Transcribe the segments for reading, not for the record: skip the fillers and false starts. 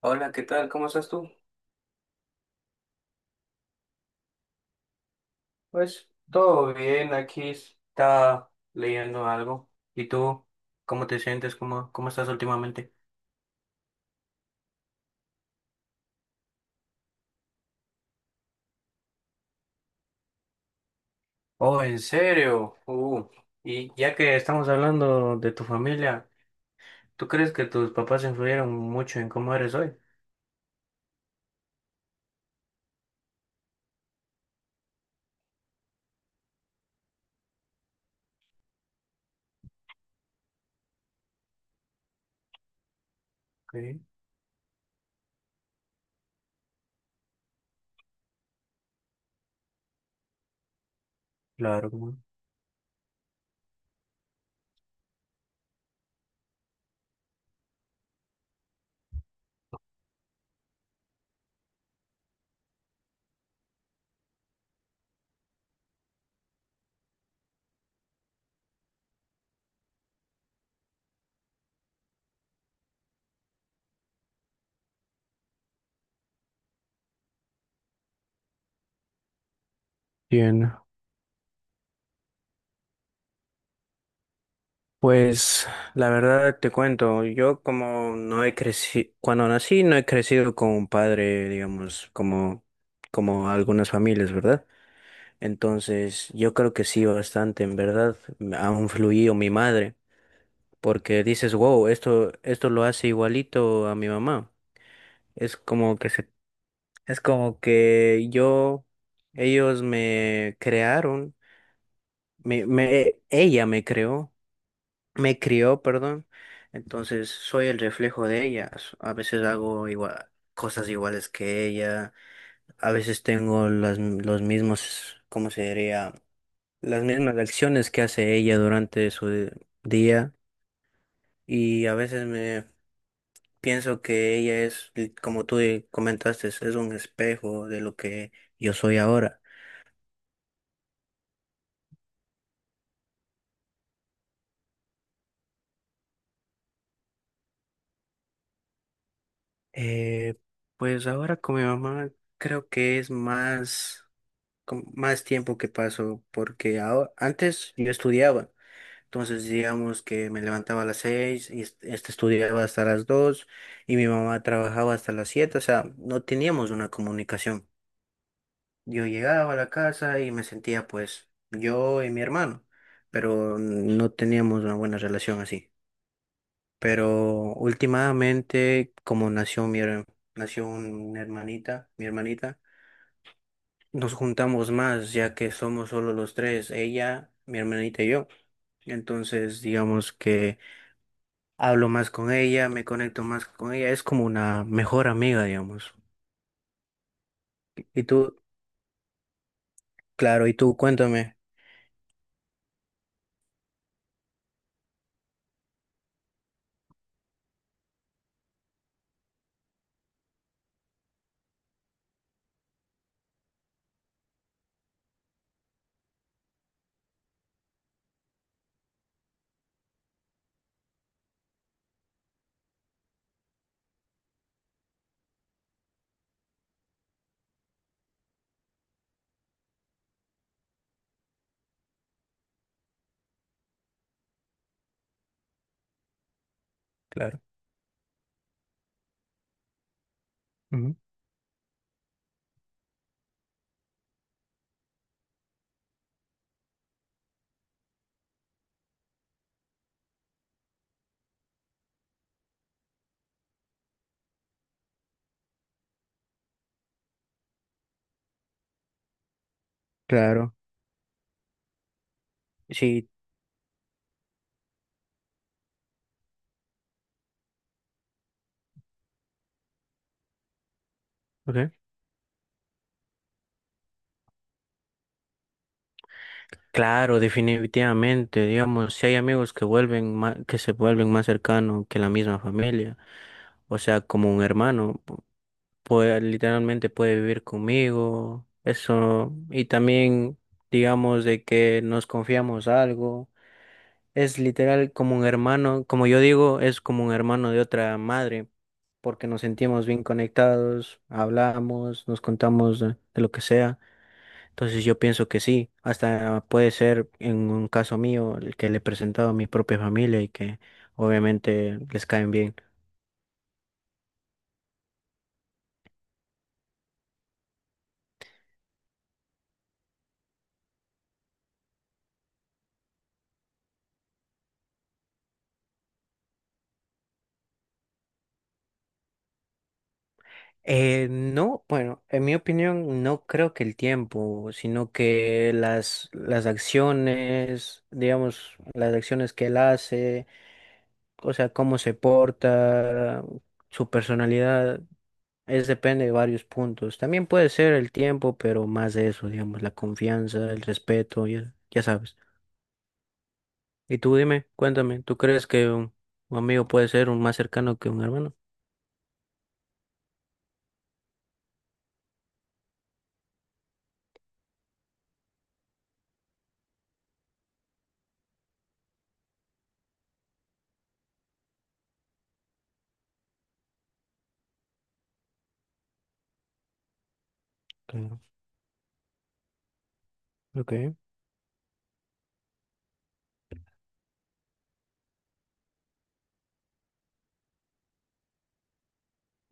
Hola, ¿qué tal? ¿Cómo estás tú? Pues todo bien, aquí está leyendo algo. ¿Y tú? ¿Cómo te sientes? ¿Cómo estás últimamente? Oh, ¿en serio? Y ya que estamos hablando de tu familia, ¿tú crees que tus papás influyeron mucho en cómo eres hoy? Sí, claro. ¿No? Bien, pues la verdad te cuento, yo como no he crecido, cuando nací no he crecido con un padre, digamos, como algunas familias, ¿verdad? Entonces, yo creo que sí, bastante, en verdad, me ha influido mi madre, porque dices, wow, esto lo hace igualito a mi mamá. Es como que se, es como que yo, Ellos me crearon, ella me creó, me crió, perdón. Entonces, soy el reflejo de ella. A veces hago igual, cosas iguales que ella, a veces tengo los mismos, ¿cómo se diría? Las mismas acciones que hace ella durante su día, y a veces me pienso que ella es, como tú comentaste, es un espejo de lo que yo soy ahora. Eh, pues ahora con mi mamá creo que es más, con más tiempo que paso porque ahora, antes yo estudiaba. Entonces digamos que me levantaba a las 6 y estudiaba hasta las 2, y mi mamá trabajaba hasta las 7, o sea, no teníamos una comunicación. Yo llegaba a la casa y me sentía pues yo y mi hermano, pero no teníamos una buena relación así. Pero últimamente, como nació una hermanita, mi hermanita, nos juntamos más ya que somos solo los tres, ella, mi hermanita y yo. Entonces, digamos que hablo más con ella, me conecto más con ella, es como una mejor amiga, digamos. Y tú, claro, y tú, cuéntame. Claro. Ujú. Claro, sí. Claro, definitivamente, digamos, si hay amigos que se vuelven más cercanos que la misma familia, o sea, como un hermano, puede, literalmente puede vivir conmigo, eso, y también, digamos, de que nos confiamos algo, es literal como un hermano, como yo digo, es como un hermano de otra madre, porque nos sentimos bien conectados, hablamos, nos contamos de lo que sea. Entonces yo pienso que sí, hasta puede ser en un caso mío el que le he presentado a mi propia familia y que obviamente les caen bien. No, bueno, en mi opinión no creo que el tiempo, sino que las acciones, digamos, las acciones que él hace, o sea, cómo se porta, su personalidad, es depende de varios puntos. También puede ser el tiempo, pero más de eso, digamos, la confianza, el respeto, ya, ya sabes. Y tú dime, cuéntame, ¿tú crees que un amigo puede ser un más cercano que un hermano? Claro. Ok.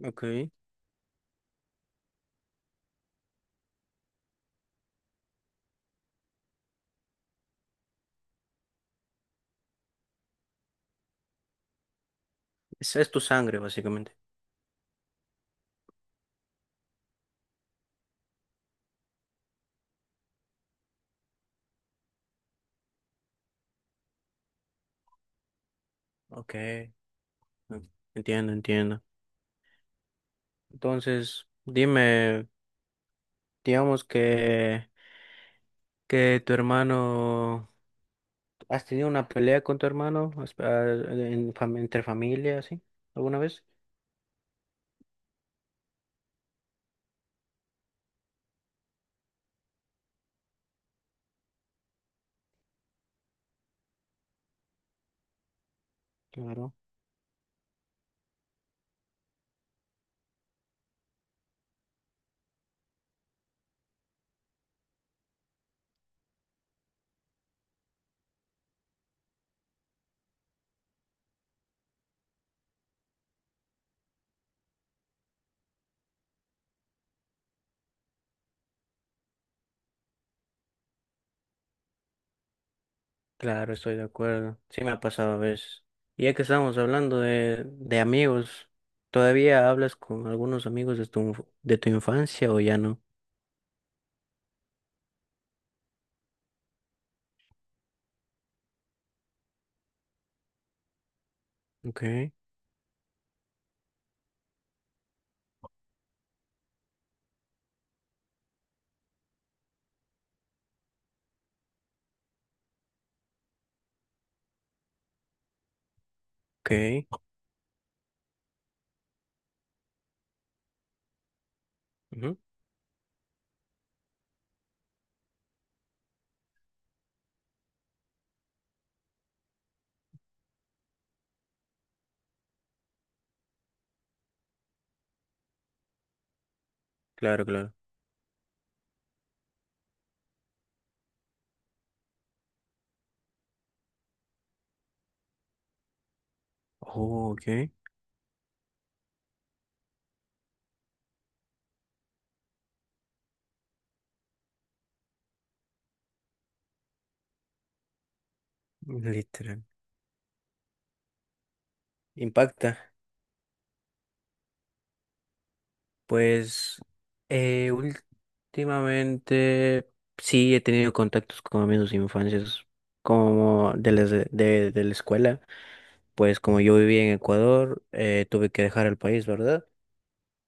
Ok. Es tu sangre, básicamente. Ok. Mm, entiendo, entiendo. Entonces, dime, digamos que tu hermano, ¿has tenido una pelea con tu hermano? ¿En entre familia, así, alguna vez? Claro. Claro, estoy de acuerdo. Sí me ha pasado a veces. Y ya que estamos hablando de amigos, ¿todavía hablas con algunos amigos de de tu infancia o ya no? Ok, ok. Ujú. Claro, claro. Oh, ok. Literal. Impacta. Pues últimamente sí he tenido contactos con amigos de infancias como de la escuela. Pues como yo viví en Ecuador, tuve que dejar el país, ¿verdad?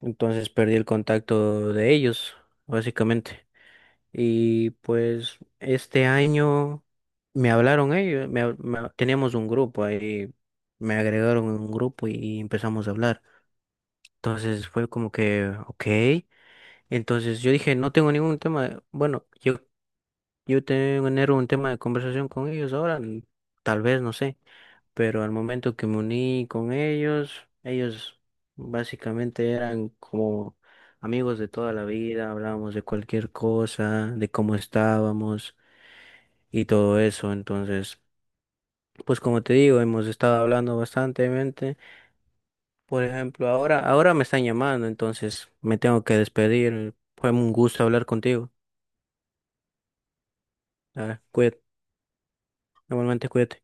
Entonces perdí el contacto de ellos, básicamente. Y pues este año me hablaron ellos, teníamos un grupo ahí, me agregaron en un grupo y empezamos a hablar. Entonces fue como que, ok, entonces yo dije, no tengo ningún tema, bueno, yo tener un tema de conversación con ellos ahora, tal vez, no sé, pero al momento que me uní con ellos, ellos básicamente eran como amigos de toda la vida, hablábamos de cualquier cosa, de cómo estábamos y todo eso. Entonces, pues como te digo, hemos estado hablando bastantemente. Por ejemplo, ahora me están llamando, entonces me tengo que despedir. Fue un gusto hablar contigo. Ah, cuídate, normalmente cuídate.